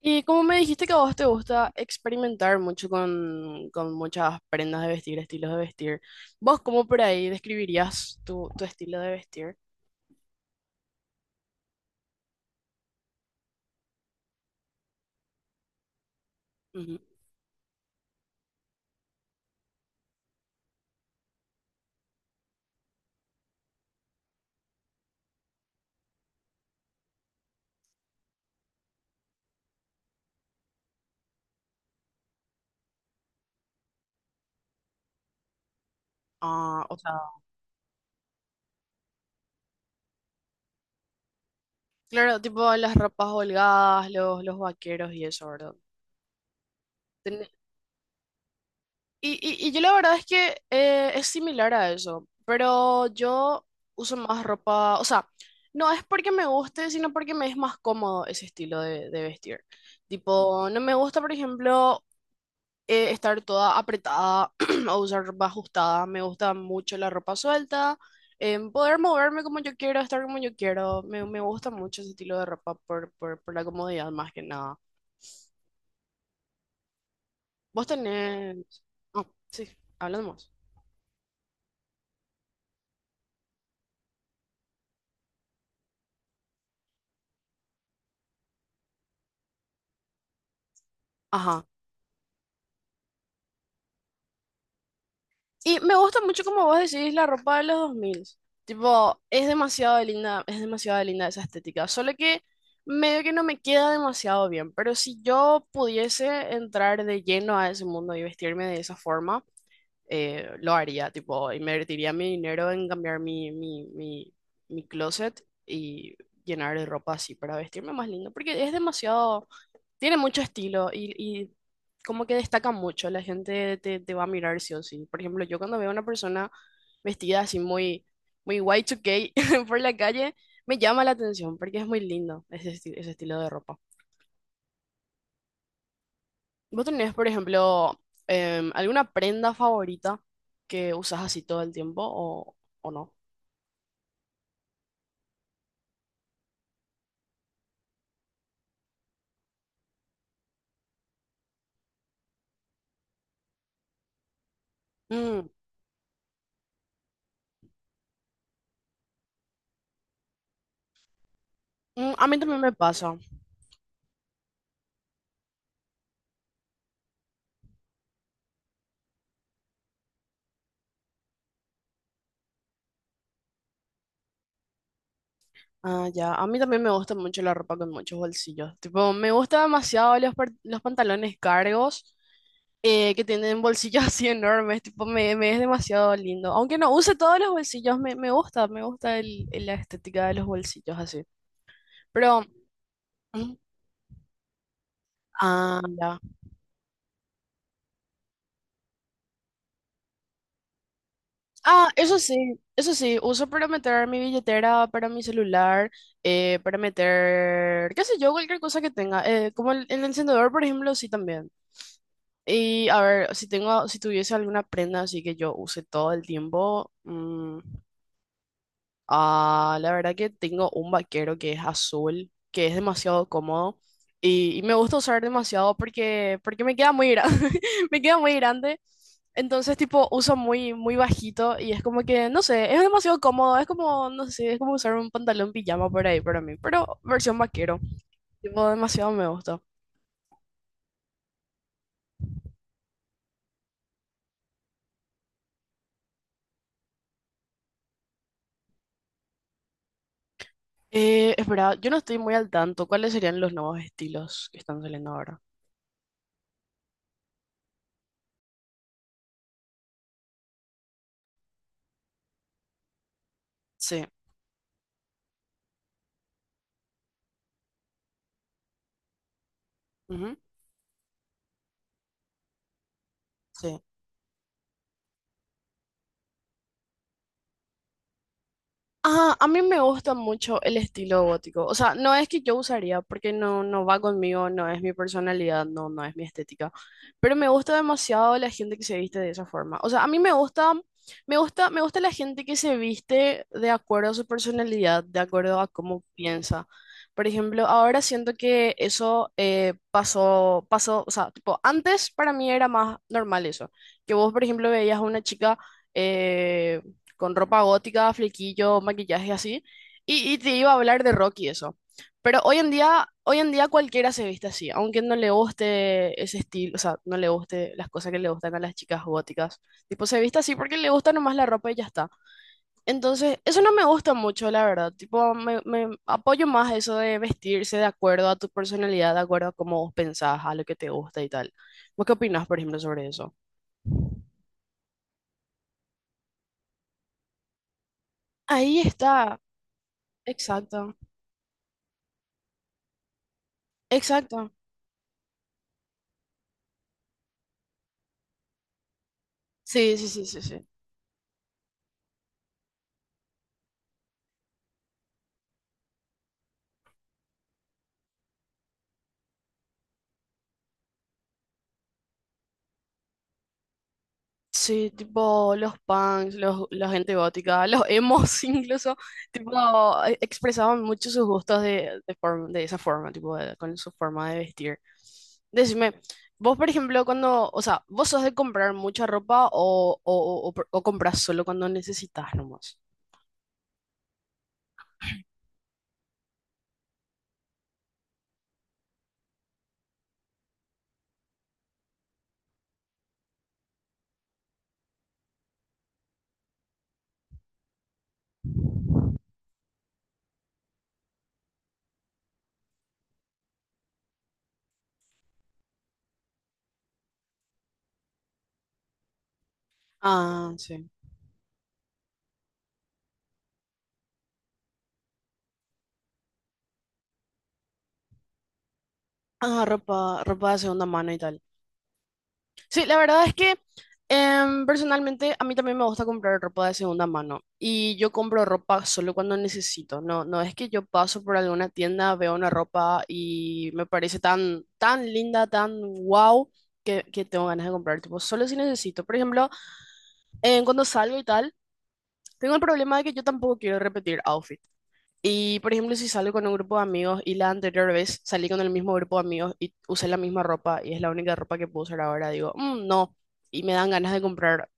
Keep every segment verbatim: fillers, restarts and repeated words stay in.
Y como me dijiste que a vos te gusta experimentar mucho con, con muchas prendas de vestir, estilos de vestir, ¿vos cómo por ahí describirías tu, tu estilo de vestir? Ujú. Ah, o sea, claro, tipo las ropas holgadas, los, los vaqueros y eso, ¿verdad? Y, y, y yo la verdad es que eh, es similar a eso, pero yo uso más ropa, o sea, no es porque me guste, sino porque me es más cómodo ese estilo de, de vestir. Tipo, no me gusta, por ejemplo, eh, estar toda apretada o usar ropa ajustada, me gusta mucho la ropa suelta, em, poder moverme como yo quiero, estar como yo quiero, me, me gusta mucho ese estilo de ropa por, por, por la comodidad más que nada. Vos tenés... ah, sí, hablamos. Y me gusta mucho como vos decís la ropa de los dos mil. Tipo, es demasiado linda, es demasiado linda esa estética. Solo que medio que no me queda demasiado bien. Pero si yo pudiese entrar de lleno a ese mundo y vestirme de esa forma, eh, lo haría. Tipo, invertiría mi dinero en cambiar mi, mi, mi, mi closet y llenar de ropa así para vestirme más lindo. Porque es demasiado, tiene mucho estilo y, y como que destaca mucho. La gente te, te va a mirar sí o sí. Por ejemplo, yo cuando veo a una persona vestida así muy, muy Y dos K por la calle, me llama la atención porque es muy lindo ese, esti- ese estilo de ropa. ¿Vos tenés, por ejemplo, em, alguna prenda favorita que usas así todo el tiempo o, o no? Mm, mm, a mí también me pasa. Ah, ya. A mí también me gusta mucho la ropa con muchos bolsillos. Tipo, me gusta demasiado los, par- los pantalones cargos, eh, que tienen bolsillos así enormes. Tipo, me, me es demasiado lindo. Aunque no use todos los bolsillos, me, me gusta, me gusta el, el- la estética de los bolsillos así. Pero, mm, ah, ya. Ah, eso sí, eso sí, uso para meter mi billetera, para mi celular, eh, para meter, qué sé yo, cualquier cosa que tenga. Eh, como el, el encendedor, por ejemplo, sí también. Y a ver, si tengo, si tuviese alguna prenda así que yo use todo el tiempo, mm, ah, la verdad que tengo un vaquero que es azul, que es demasiado cómodo y, y me gusta usar demasiado porque, porque me queda muy grande, me queda muy grande, entonces tipo uso muy, muy bajito y es como que, no sé, es demasiado cómodo, es como, no sé, es como usar un pantalón pijama por ahí para mí, pero versión vaquero, tipo demasiado me gusta. Eh, es verdad, yo no estoy muy al tanto. ¿Cuáles serían los nuevos estilos que están saliendo ahora? Sí. Ujú, sí. Ah, a mí me gusta mucho el estilo gótico. O sea, no es que yo usaría, porque no, no va conmigo, no es mi personalidad, no, no es mi estética. Pero me gusta demasiado la gente que se viste de esa forma. O sea, a mí me gusta, me gusta, me gusta la gente que se viste de acuerdo a su personalidad, de acuerdo a cómo piensa. Por ejemplo, ahora siento que eso eh, pasó, pasó, o sea, tipo, antes para mí era más normal eso. Que vos, por ejemplo, veías a una chica, eh, con ropa gótica, flequillo, maquillaje así, y, y te iba a hablar de rock y eso. Pero hoy en día, hoy en día cualquiera se viste así, aunque no le guste ese estilo, o sea, no le guste las cosas que le gustan a las chicas góticas. Tipo, se viste así porque le gusta nomás la ropa y ya está. Entonces, eso no me gusta mucho, la verdad. Tipo, me, me apoyo más a eso de vestirse de acuerdo a tu personalidad, de acuerdo a cómo vos pensás, a lo que te gusta y tal. ¿Vos qué opinás, por ejemplo, sobre eso? Ahí está, exacto, exacto. Sí, sí, sí, sí, sí. Sí, tipo los punks, los, la gente gótica, los emos incluso, tipo eh, expresaban mucho sus gustos de, de, forma- de esa forma, tipo de- con su forma de vestir. Decime, vos por ejemplo, cuando, o sea, ¿vos sos de comprar mucha ropa o, o, o, o compras solo cuando necesitas nomás? Ah, sí. Ah, ropa, ropa de segunda mano y tal. Sí, la verdad es que em, personalmente a mí también me gusta comprar ropa de segunda mano y yo compro ropa solo cuando necesito. No, no es que yo paso por alguna tienda, veo una ropa y me parece tan, tan linda, tan wow, que, que tengo ganas de comprar. Tipo, solo si necesito. Por ejemplo, em, cuando salgo y tal, tengo el problema de que yo tampoco quiero repetir outfits. Y, por ejemplo, si salgo con un grupo de amigos y la anterior vez salí con el mismo grupo de amigos y usé la misma ropa y es la única ropa que puedo usar ahora, digo, "Mm, no", y me dan ganas de comprar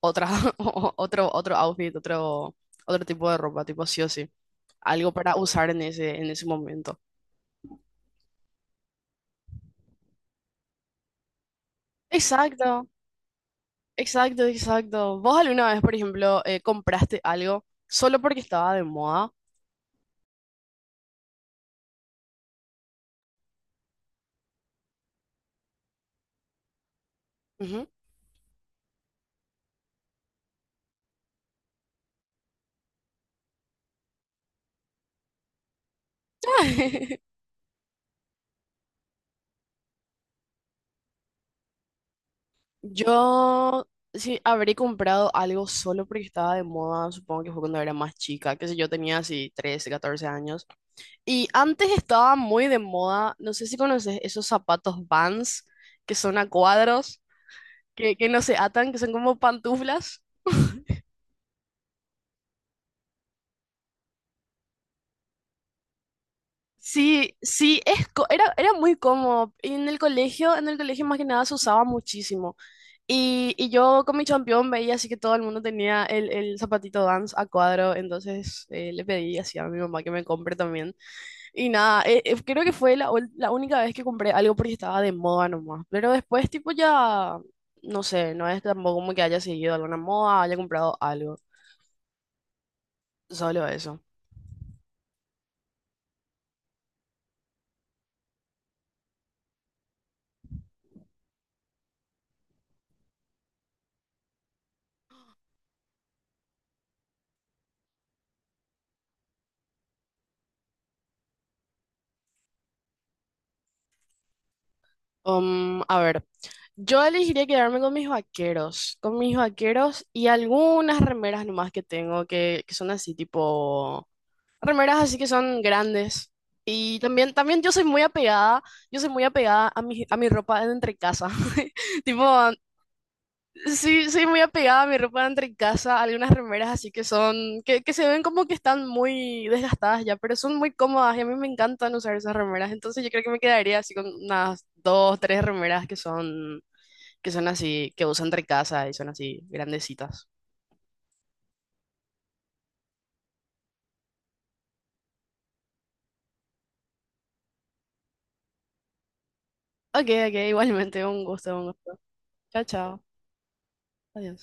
otra, o- otro, otro outfit, otro, otro tipo de ropa, tipo sí o sí, algo para usar en ese, en ese momento. Exacto, exacto, exacto. ¿Vos alguna vez, por ejemplo, eh, compraste algo solo porque estaba de moda? Ujú. Yo sí habré comprado algo solo porque estaba de moda, supongo que fue cuando era más chica, que sé yo, tenía así trece catorce años. Y antes estaba muy de moda, no sé si conoces esos zapatos Vans que son a cuadros, que, que no se atan, que son como pantuflas. Sí, sí, es, co- era, era muy cómodo. Y en el colegio, en el colegio más que nada se usaba muchísimo. Y, y yo con mi champión veía así que todo el mundo tenía el, el zapatito Vans a cuadro, entonces eh, le pedí así a mi mamá que me compre también. Y nada, eh, eh, creo que fue la, ul- la única vez que compré algo porque estaba de moda nomás. Pero después tipo ya, no sé, no es tampoco como que haya seguido alguna moda, haya comprado algo, solo eso. Um, a ver, yo elegiría quedarme con mis vaqueros, con mis vaqueros y algunas remeras nomás que tengo que, que son así tipo remeras así que son grandes. Y también, también yo soy muy apegada, yo soy muy apegada a mi, a mi ropa de entre casa. Tipo, sí, soy muy apegada a mi ropa de entre casa, algunas remeras así que son, que, que se ven como que están muy desgastadas ya, pero son muy cómodas y a mí me encantan usar esas remeras. Entonces yo creo que me quedaría así con unas dos, tres remeras que son, que son así, que uso entre casa y son así grandecitas. Ok, ok, igualmente, un gusto, un gusto. Chao, chao. Adiós.